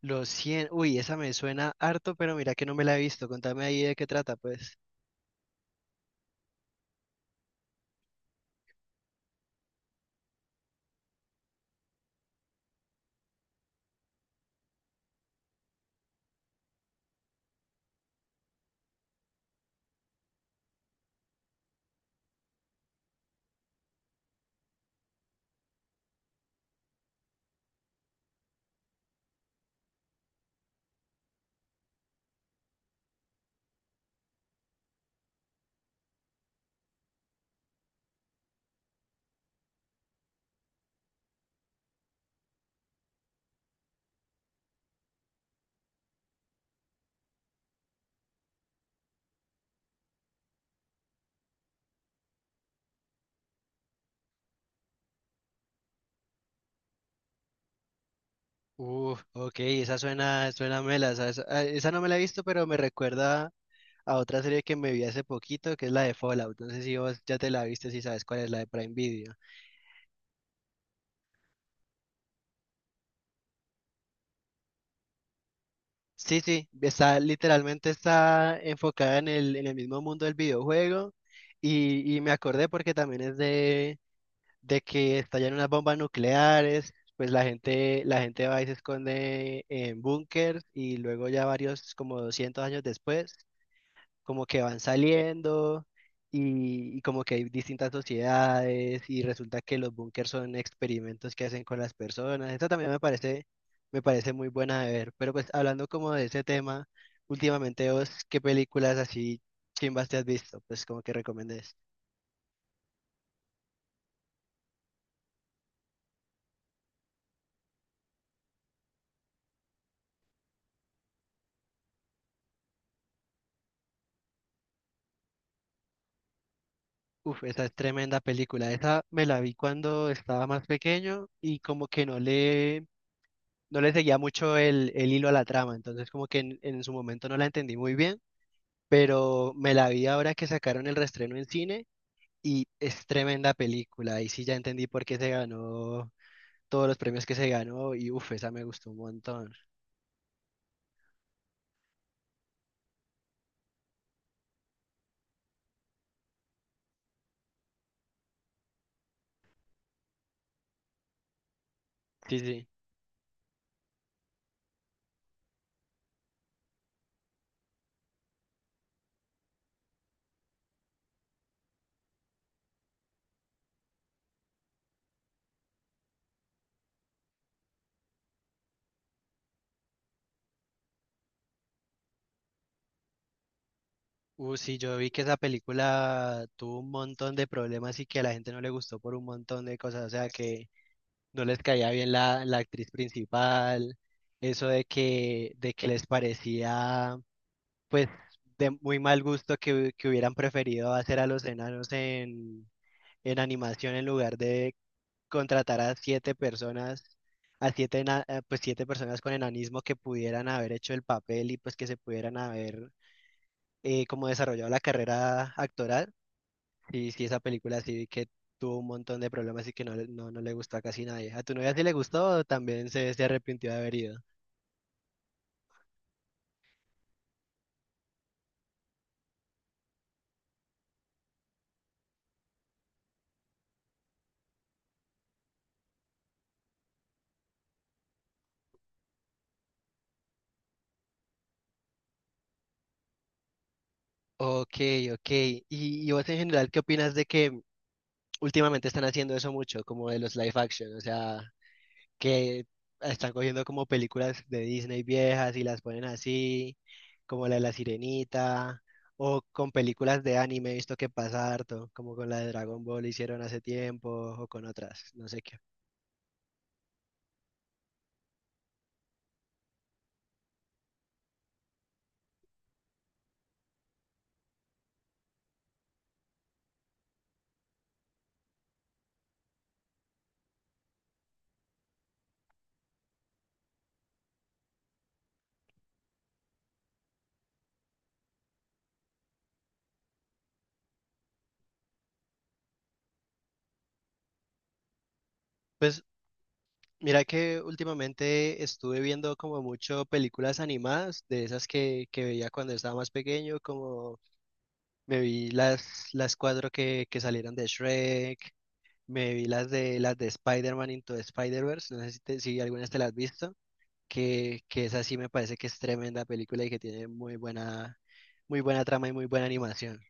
Los 100 uy, esa me suena harto, pero mira que no me la he visto. Contame ahí de qué trata, pues. Uf, ok, esa suena, suena mela. Esa no me la he visto, pero me recuerda a otra serie que me vi hace poquito, que es la de Fallout. No sé si vos ya te la viste, si sabes cuál es la de Prime Video. Sí, sí, está literalmente está enfocada en el mismo mundo del videojuego. Y me acordé porque también es de que estallan unas bombas nucleares, pues la gente va y se esconde en búnkers y luego ya varios, como 200 años después, como que van saliendo y como que hay distintas sociedades y resulta que los búnkers son experimentos que hacen con las personas. Esto también me parece, Me parece muy buena de ver, pero pues hablando como de ese tema, últimamente vos, ¿qué películas así chimbas te has visto? Pues como que recomendés. Uf, esa es tremenda película. Esa me la vi cuando estaba más pequeño y como que no le seguía mucho el hilo a la trama. Entonces como que en su momento no la entendí muy bien, pero me la vi ahora que sacaron el reestreno en cine y es tremenda película. Y sí ya entendí por qué se ganó todos los premios que se ganó y uf, esa me gustó un montón. Sí, sí. Sí, yo vi que esa película tuvo un montón de problemas y que a la gente no le gustó por un montón de cosas. O sea que no les caía bien la actriz principal, eso de que les parecía pues de muy mal gusto que hubieran preferido hacer a los enanos en animación en lugar de contratar a 7 personas, a 7, 7 personas con enanismo que pudieran haber hecho el papel y pues que se pudieran haber como desarrollado la carrera actoral. Sí, sí, esa película sí vi que tuvo un montón de problemas y que no le gustó a casi nadie. ¿A tu novia sí le gustó o también se arrepintió de haber ido? Ok, ok. ¿Y vos en general qué opinas de que últimamente están haciendo eso mucho, como de los live action? O sea, que están cogiendo como películas de Disney viejas y las ponen así, como la de La Sirenita, o con películas de anime, he visto que pasa harto, como con la de Dragon Ball hicieron hace tiempo, o con otras, no sé qué. Pues mira que últimamente estuve viendo como mucho películas animadas, de esas que veía cuando estaba más pequeño, como me vi las, las 4 que salieron de Shrek, me vi las de Spider-Man Into the Spider-Verse, no sé si, si algunas te las has visto, que esa sí me parece que es tremenda película y que tiene muy buena trama y muy buena animación.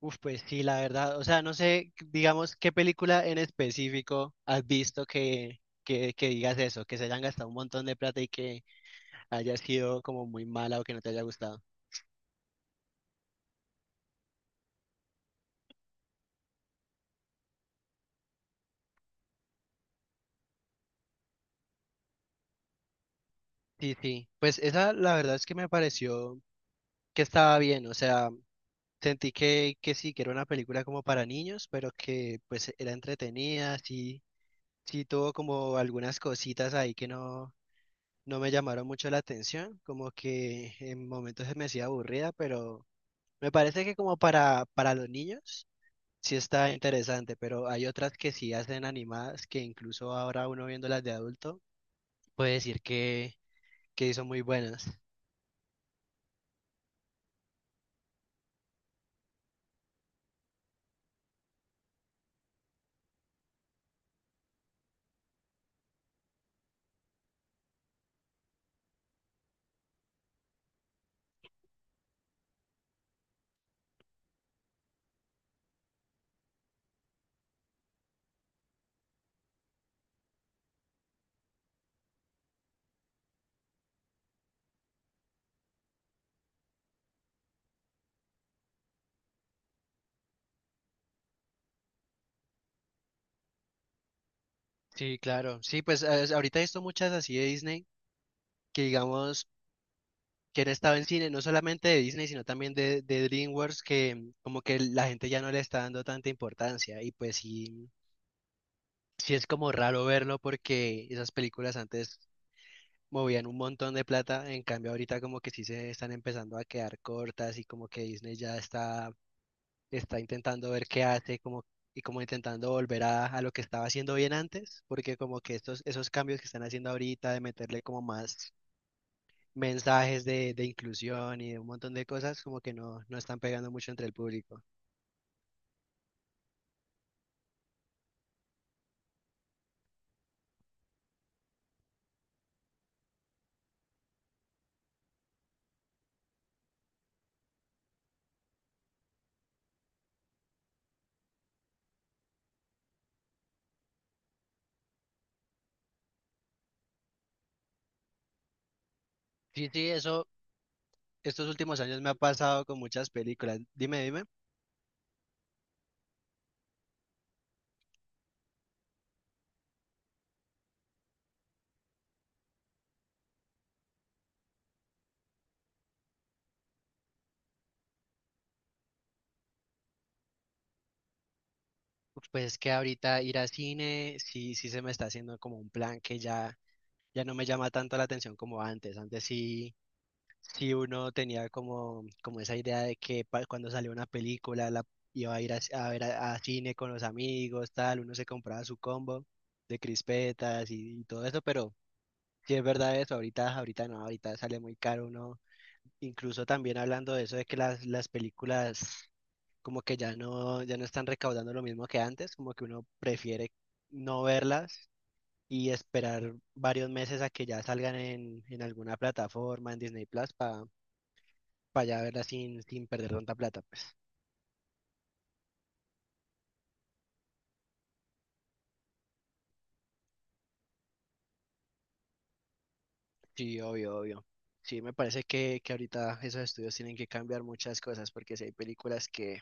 Uf, pues sí, la verdad. O sea, no sé, digamos, qué película en específico has visto que digas eso, que se hayan gastado un montón de plata y que haya sido como muy mala o que no te haya gustado. Sí, sí. Pues esa, la verdad es que me pareció que estaba bien. O sea, sentí que sí, que era una película como para niños, pero que pues era entretenida, sí, sí tuvo como algunas cositas ahí que no, no me llamaron mucho la atención, como que en momentos se me hacía aburrida, pero me parece que como para los niños sí está interesante, pero hay otras que sí hacen animadas que incluso ahora uno viéndolas de adulto puede decir que son muy buenas. Sí, claro. Sí, pues ahorita he visto muchas así de Disney que digamos que han estado en cine, no solamente de Disney, sino también de DreamWorks, que como que la gente ya no le está dando tanta importancia y pues sí, sí es como raro verlo porque esas películas antes movían un montón de plata, en cambio ahorita como que sí se están empezando a quedar cortas y como que está intentando ver qué hace como, y como intentando volver a lo que estaba haciendo bien antes, porque como que esos cambios que están haciendo ahorita de meterle como más mensajes de inclusión y de un montón de cosas como que no, no están pegando mucho entre el público. Sí, sí, eso estos últimos años me ha pasado con muchas películas. Dime, dime. Pues es que ahorita ir al cine, sí, sí se me está haciendo como un plan que ya no me llama tanto la atención como antes. Antes sí, sí uno tenía como, como esa idea de que cuando salió una película la iba a ir a ver a cine con los amigos, tal, uno se compraba su combo de crispetas y todo eso, pero sí es verdad eso, ahorita no, ahorita sale muy caro uno. Incluso también hablando de eso de que las películas como que ya no están recaudando lo mismo que antes, como que uno prefiere no verlas y esperar varios meses a que ya salgan en alguna plataforma, en Disney Plus, para ya verla sin, sin perder tanta plata, pues. Sí, obvio, obvio. Sí, me parece que ahorita esos estudios tienen que cambiar muchas cosas, porque si hay películas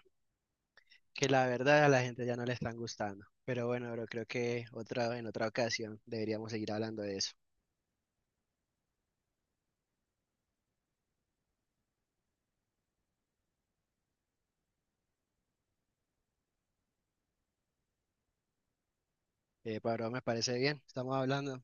que la verdad a la gente ya no le están gustando. Pero bueno, bro, creo que otra, en otra ocasión deberíamos seguir hablando de eso. Pablo, me parece bien, estamos hablando.